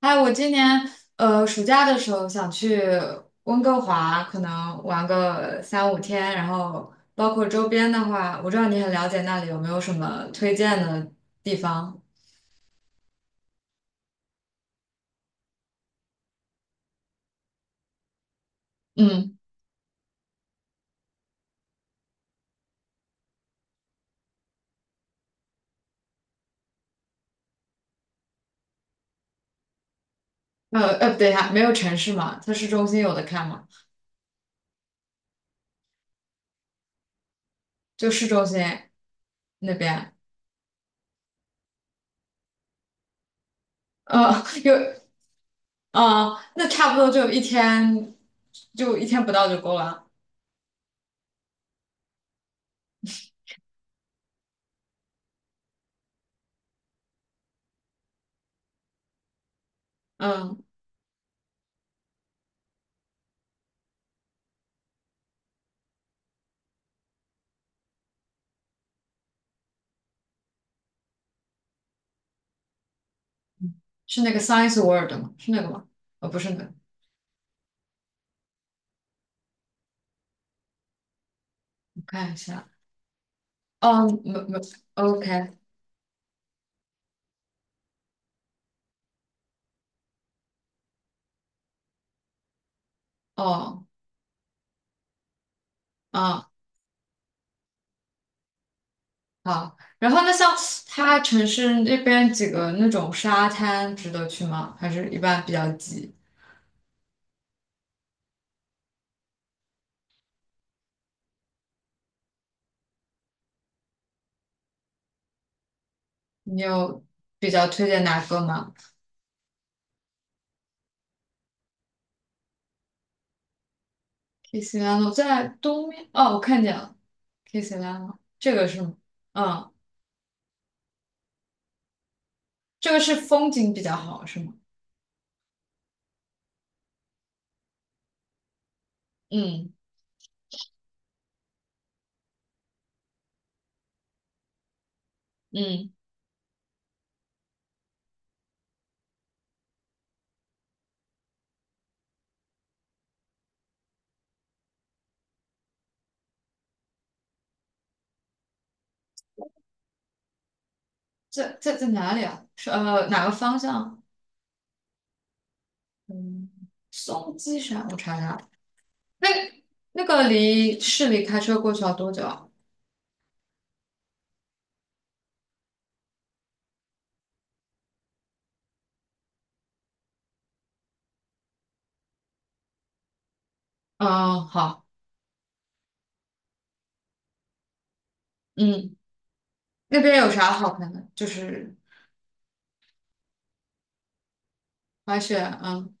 还有我今年暑假的时候想去温哥华，可能玩个三五天，然后包括周边的话，我知道你很了解，那里有没有什么推荐的地方？嗯。不对呀，没有城市嘛，它市中心有的看嘛，就市中心那边，呃，有。啊，那差不多就一天，就一天不到就够了。嗯，是那个 Science World 吗？是那个吗？不是那个。我看一下。哦，没没，OK。哦。啊，好。然后那像它城市那边几个那种沙滩值得去吗？还是一般比较挤？你有比较推荐哪个吗？ k i s i l a n o 在东面，哦，我看见了， k i s i l a n o 这个是吗？嗯，这个是风景比较好是吗？嗯。嗯，在哪里啊？是哪个方向啊？嗯，松鸡山，我查一下。那那个离市里开车过去要多久啊？嗯，好。嗯。那边有啥好看的？就是。滑雪，嗯。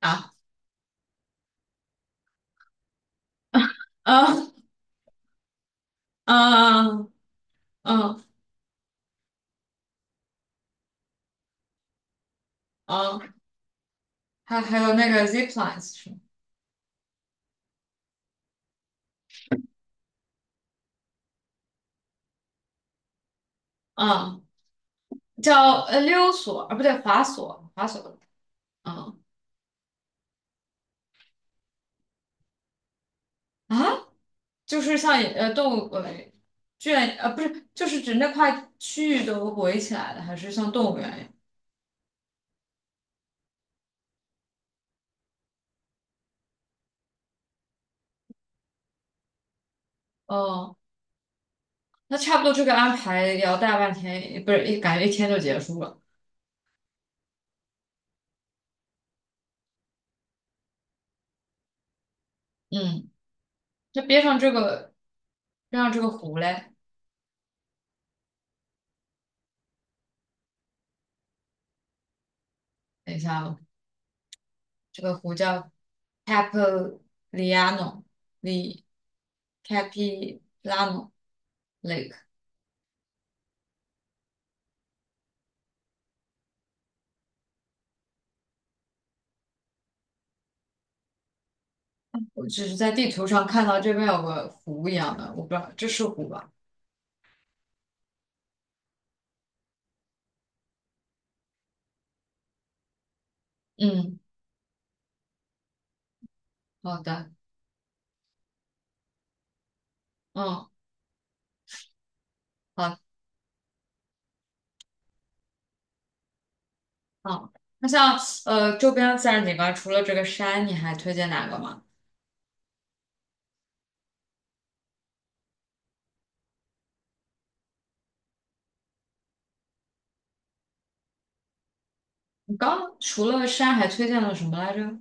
啊。嗯。嗯。嗯嗯，还有那个 zip lines 是吗？嗯，叫溜索，啊不对，滑索。嗯。啊，就是像动物不是，就是指那块区域都围起来的，还是像动物园一样？哦。那差不多这个安排也要大半天，不是，感觉一天就结束了。嗯，那边上这个，边上这个湖嘞？等一下哦。这个湖叫 Capilano， l i， Capilano Lake。我只是在地图上看到这边有个湖一样的，我不知道这是湖吧？嗯，好的。嗯，好。好。那像周边自然景观，除了这个山，你还推荐哪个吗？你刚除了山还推荐了什么来着？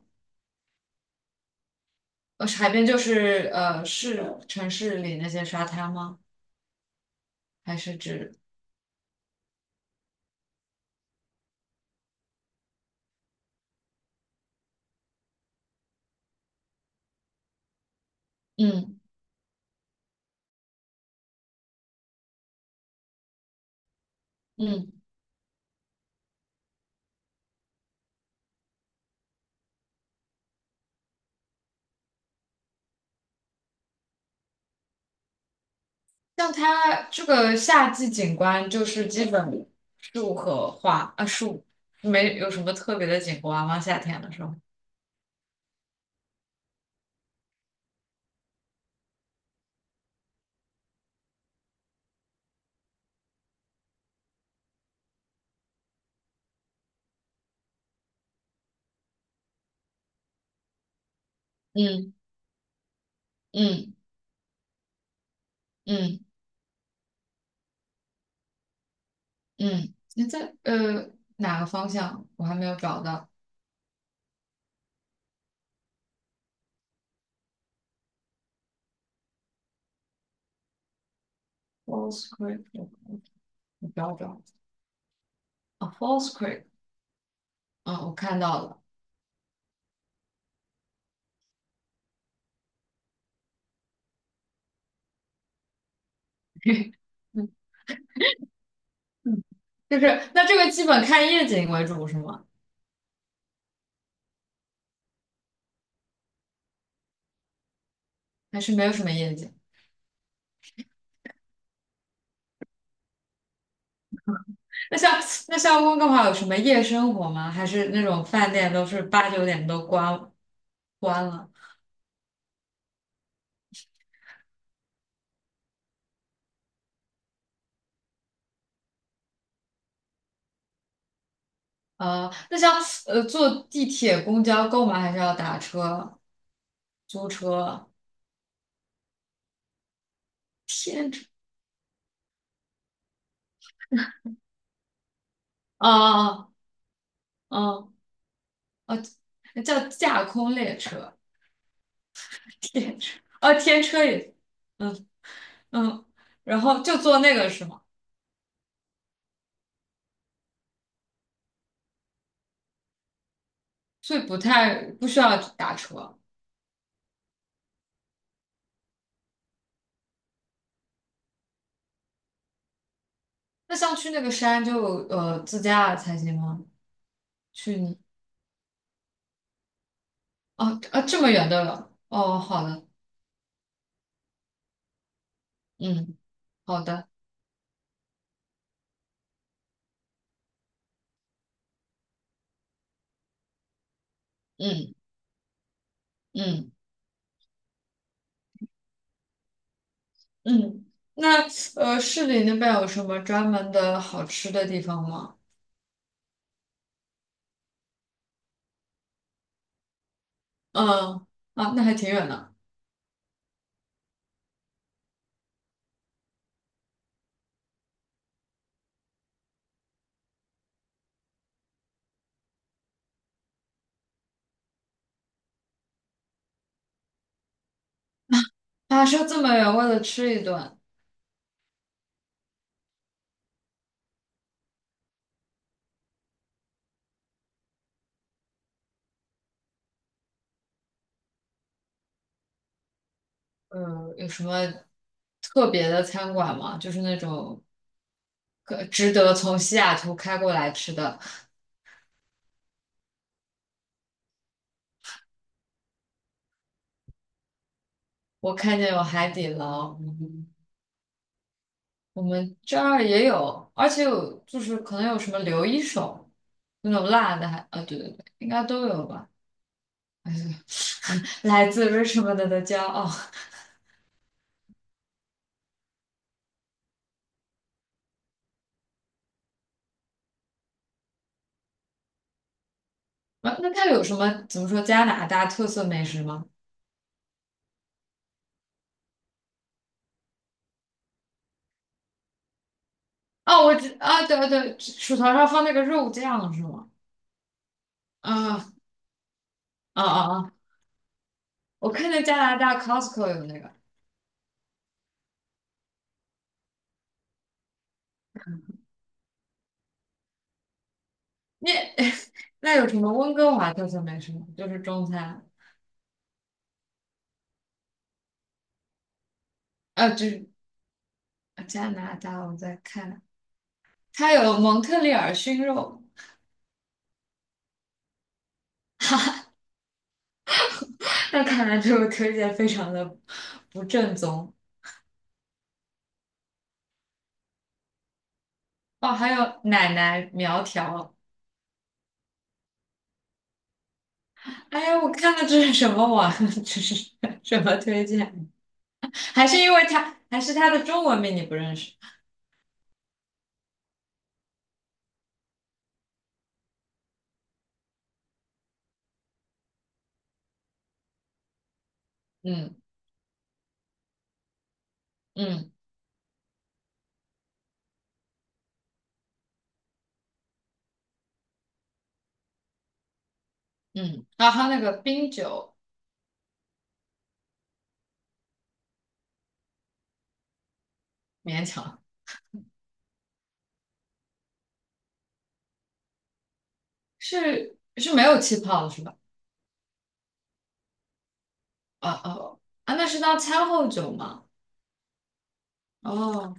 海边就是市城市里那些沙滩吗？还是指。嗯。嗯。像它这个夏季景观就是基本树和花啊，树，没有什么特别的景观吗？夏天的时候？嗯。嗯。嗯。嗯，你在哪个方向？我还没有找到。False l Creek，我找找。啊，False l Creek。嗯，我看到了。嗯。嗯，就是那，这个基本看夜景为主是吗？还是没有什么夜景？那像，那像温哥华有什么夜生活吗？还是那种饭店都是八九点都关，关了。啊，那像坐地铁、公交购买？还是要打车、租车？天车。啊。啊。啊！啊！叫架空列车。天车啊，天车也。嗯。嗯，然后就坐那个是吗？所以不太，不需要打车。那像去那个山就自驾才行吗？去你哦，啊这么远的了哦，好的。嗯，好的。嗯。嗯。嗯，那市里那边有什么专门的好吃的地方吗？嗯。啊，那还挺远的。跋涉这么远为了吃一顿。有什么特别的餐馆吗？就是那种可值得从西雅图开过来吃的。我看见有海底捞。嗯，我们这儿也有，而且有，就是可能有什么刘一手那种辣的，还，啊，对对对，应该都有吧。哎呀，来自 Richmond 的骄傲。啊，那它有什么，怎么说，加拿大特色美食吗？哦，我知啊，对对对，薯条上放那个肉酱是吗？啊。啊。啊。啊！我看见加拿大 Costco 有那个。那， 那有什么温哥华特色美食吗？就是中餐。啊，就是加拿大，我在看。它有蒙特利尔熏肉。那看来这个推荐非常的不正宗。哦，还有奶奶苗条。哎呀，我看的这是什么网？这是什么推荐？还是因为他，还是他的中文名你不认识？嗯。嗯。嗯，然后他那个冰酒。勉强。是是没有气泡的是吧？啊哦啊，那是当餐后酒吗？哦，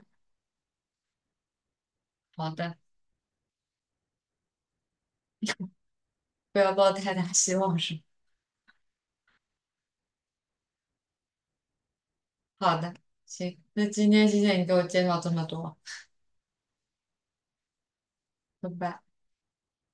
好的，不要抱太大希望是吧。好的，行，那今天谢谢你给我介绍这么多，拜拜。